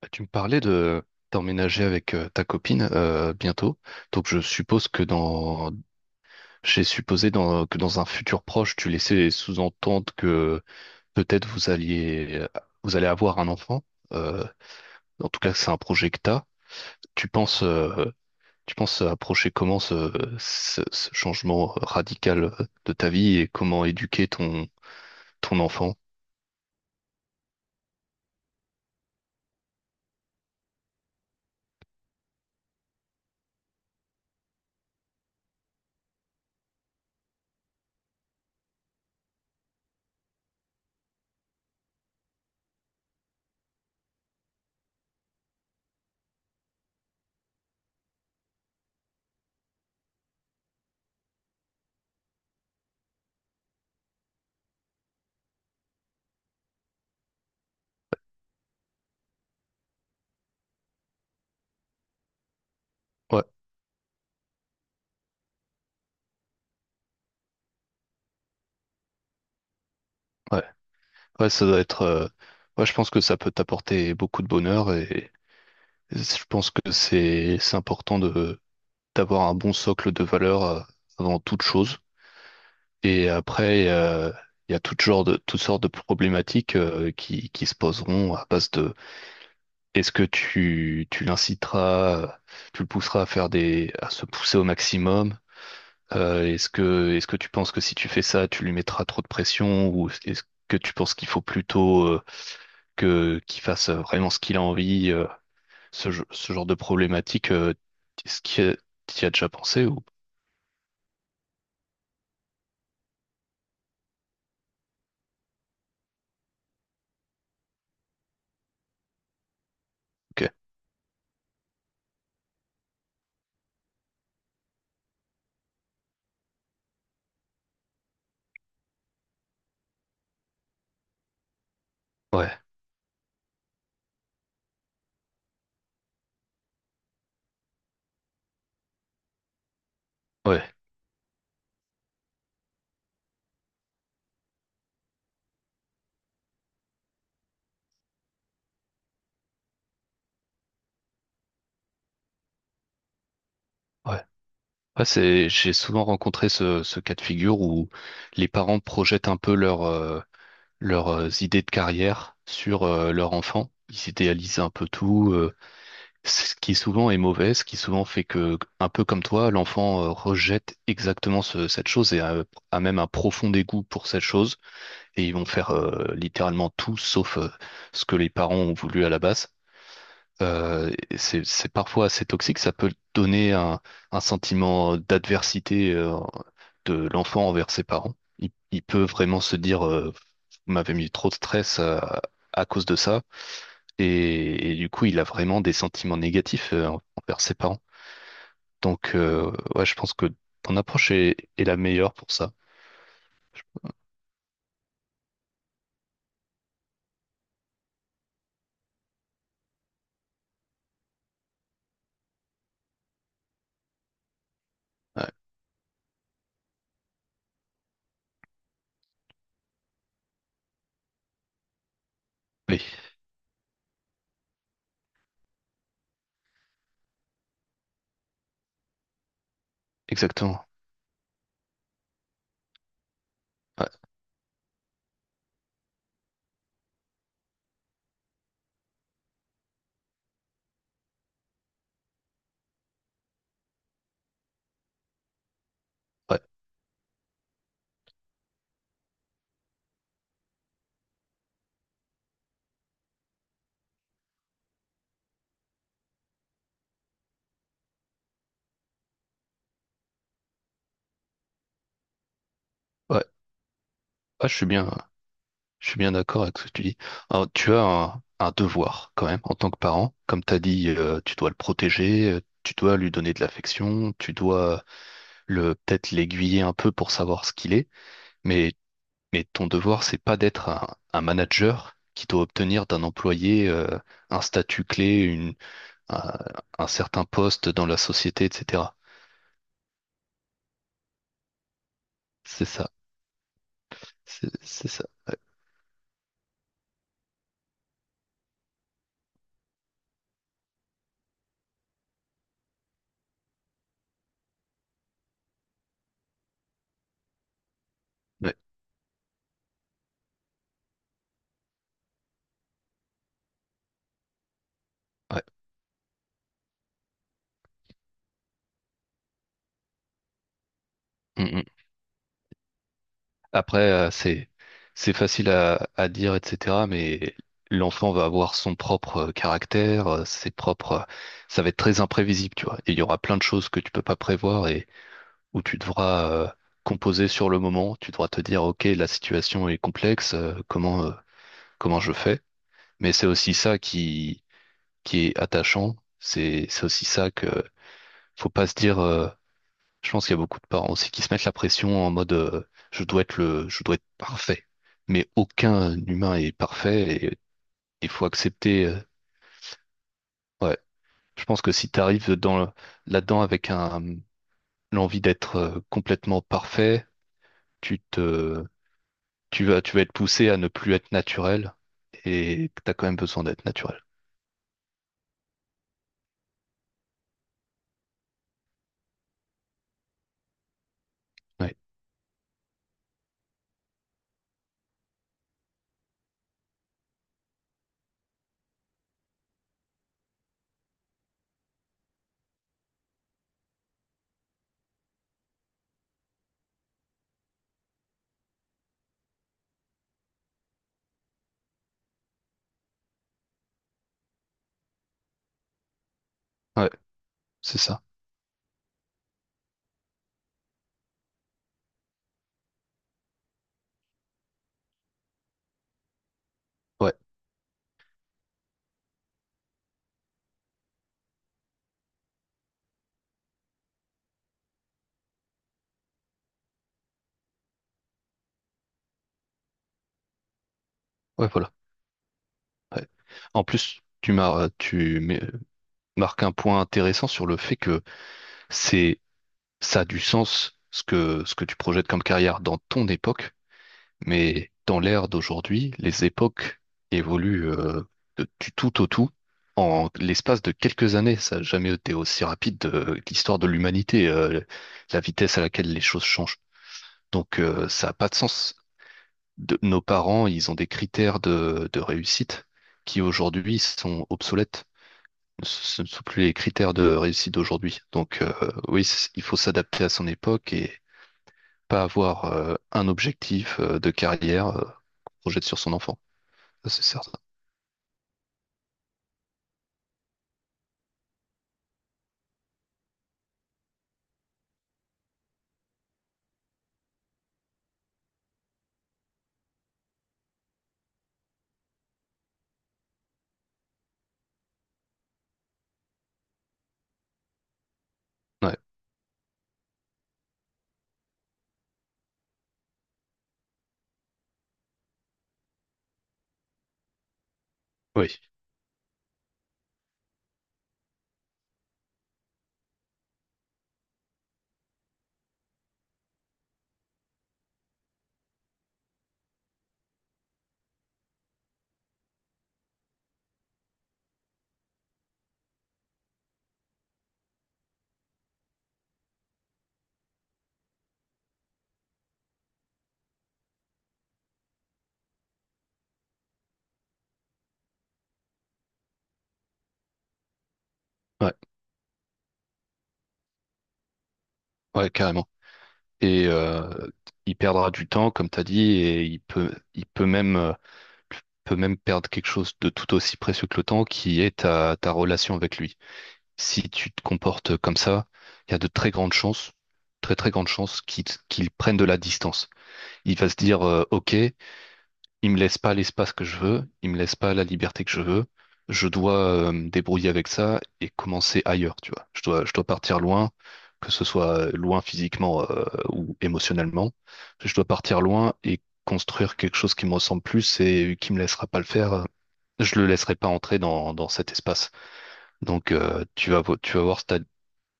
Tu me parlais de t'emménager avec ta copine bientôt. Donc je suppose que dans J'ai supposé que dans un futur proche, tu laissais sous-entendre que peut-être vous allez avoir un enfant. Euh, En tout cas, c'est un projet que t'as. Tu penses euh, tu penses approcher comment ce changement radical de ta vie et comment éduquer ton enfant? Ouais, ouais. Ouais, ça doit être ouais, je pense que ça peut t'apporter beaucoup de bonheur. Je pense que c'est important de d'avoir un bon socle de valeurs avant toute chose. Et après, il y a toutes sortes de problématiques qui se poseront à base de est-ce que tu l'inciteras, tu le pousseras à faire des à se pousser au maximum. Est-ce que tu penses que si tu fais ça, tu lui mettras trop de pression, ou est-ce que tu penses qu'il faut plutôt que qu'il fasse vraiment ce qu'il a envie? Ce genre de problématique, est-ce que tu as déjà pensé ou... Ok. Ouais, ouais, ouais. Ouais, c'est, j'ai souvent rencontré ce cas de figure où les parents projettent un peu leur, leurs idées de carrière sur leur enfant. Ils idéalisent un peu tout, ce qui souvent est mauvais, ce qui souvent fait que, un peu comme toi, l'enfant rejette exactement cette chose et a, a même un profond dégoût pour cette chose. Et ils vont faire littéralement tout sauf ce que les parents ont voulu à la base. Et c'est parfois assez toxique, ça peut donner un sentiment d'adversité de l'enfant envers ses parents. Il peut vraiment se dire, vous m'avez mis trop de stress à cause de ça, et du coup, il a vraiment des sentiments négatifs envers ses parents. Donc, ouais, je pense que ton approche est la meilleure pour ça. Ouais, oui, exactement. Ouais, ouais, ouais. Ouais, je suis bien. Je suis bien d'accord avec ce que tu dis. Alors, tu as un devoir quand même en tant que parent. Comme tu as dit, tu dois le protéger, tu dois lui donner de l'affection, tu dois le peut-être l'aiguiller un peu pour savoir ce qu'il est. Mais, mais ton devoir, c'est pas d'être un manager qui doit obtenir d'un employé un statut clé, une, un, un certain poste dans la société, etc. C'est ça. C'est ça. Ouais. Ouais. Mm, mm. Après, c'est facile à dire, etc. Mais l'enfant va avoir son propre caractère, ses propres. Ça va être très imprévisible, tu vois. Et il y aura plein de choses que tu peux pas prévoir et où tu devras composer sur le moment. Tu devras te dire, ok, la situation est complexe. Comment je fais? Mais c'est aussi ça qui est attachant. C'est aussi ça que faut pas se dire. Je pense qu'il y a beaucoup de parents aussi qui se mettent la pression en mode je dois être parfait. Mais aucun humain est parfait et il faut accepter. Ouais, je pense que si tu arrives là-dedans avec un l'envie d'être complètement parfait, tu te, tu vas être poussé à ne plus être naturel et tu as quand même besoin d'être naturel. Ouais, ouais, c'est ça. Ouais, ouais, voilà. Ouais. En plus, tu marques un point intéressant sur le fait que c'est ça a du sens ce que tu projettes comme carrière dans ton époque, mais dans l'ère d'aujourd'hui, les époques évoluent du tout au tout en l'espace de quelques années. Ça n'a jamais été aussi rapide de l'histoire de l'humanité, la vitesse à laquelle les choses changent. Donc ça n'a pas de sens. Nos parents, ils ont des critères de réussite qui aujourd'hui sont obsolètes. Ce ne sont plus les critères de réussite d'aujourd'hui. Donc oui, il faut s'adapter à son époque et pas avoir un objectif de carrière projette sur son enfant. Ça, c'est certain. Ouais, oui, ouais, ouais, carrément. Et il perdra du temps, comme tu as dit, et il peut même perdre quelque chose de tout aussi précieux que le temps, qui est ta, ta relation avec lui. Si tu te comportes comme ça, il y a de très grandes chances, très très grandes chances qu'il prenne de la distance. Il va se dire, OK. Il me laisse pas l'espace que je veux, il me laisse pas la liberté que je veux. Je dois me débrouiller avec ça et commencer ailleurs, tu vois. Je dois partir loin, que ce soit loin physiquement ou émotionnellement. Je dois partir loin et construire quelque chose qui me ressemble plus et qui me laissera pas le faire. Je le laisserai pas entrer dans cet espace. Donc tu vas voir ta,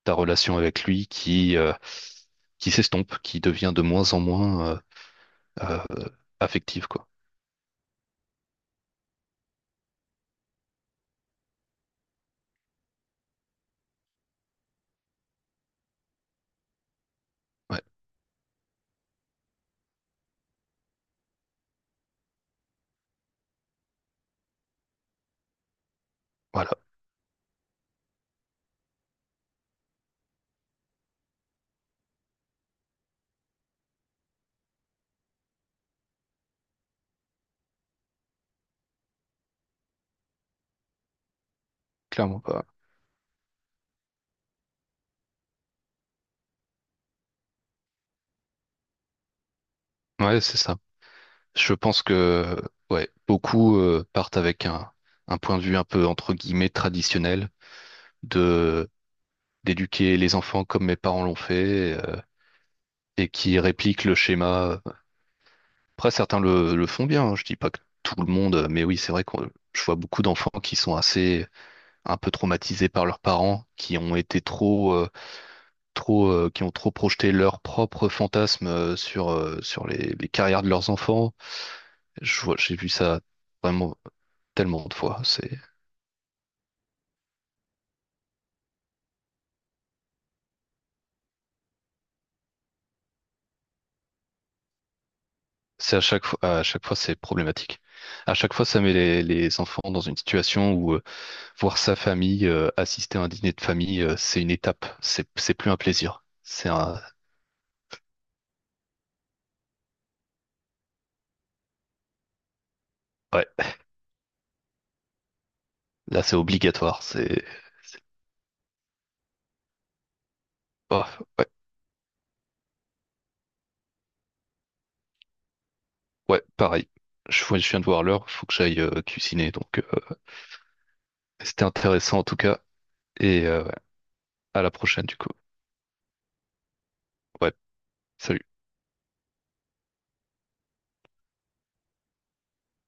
ta relation avec lui qui s'estompe, qui devient de moins en moins euh, affective, quoi. Ouais, voilà, clairement. Ouais, c'est ça. Je pense que ouais, beaucoup partent avec un point de vue un peu entre guillemets traditionnel de d'éduquer les enfants comme mes parents l'ont fait et qui répliquent le schéma. Après, certains le font bien, hein, je dis pas que tout le monde, mais oui, c'est vrai que je vois beaucoup d'enfants qui sont assez un peu traumatisés par leurs parents, qui ont été trop qui ont trop projeté leurs propres fantasmes sur sur les carrières de leurs enfants. J'ai vu ça vraiment tellement de fois. C'est à chaque fois, c'est problématique. À chaque fois, ça met les enfants dans une situation où voir sa famille, assister à un dîner de famille, c'est une étape. C'est plus un plaisir. C'est un, ouais, là, c'est obligatoire. C'est- oh, ouais, ouais, pareil. Je viens de voir l'heure. Faut que j'aille cuisiner. Donc, c'était intéressant en tout cas. Et ouais, à la prochaine du coup. Ouais. Salut.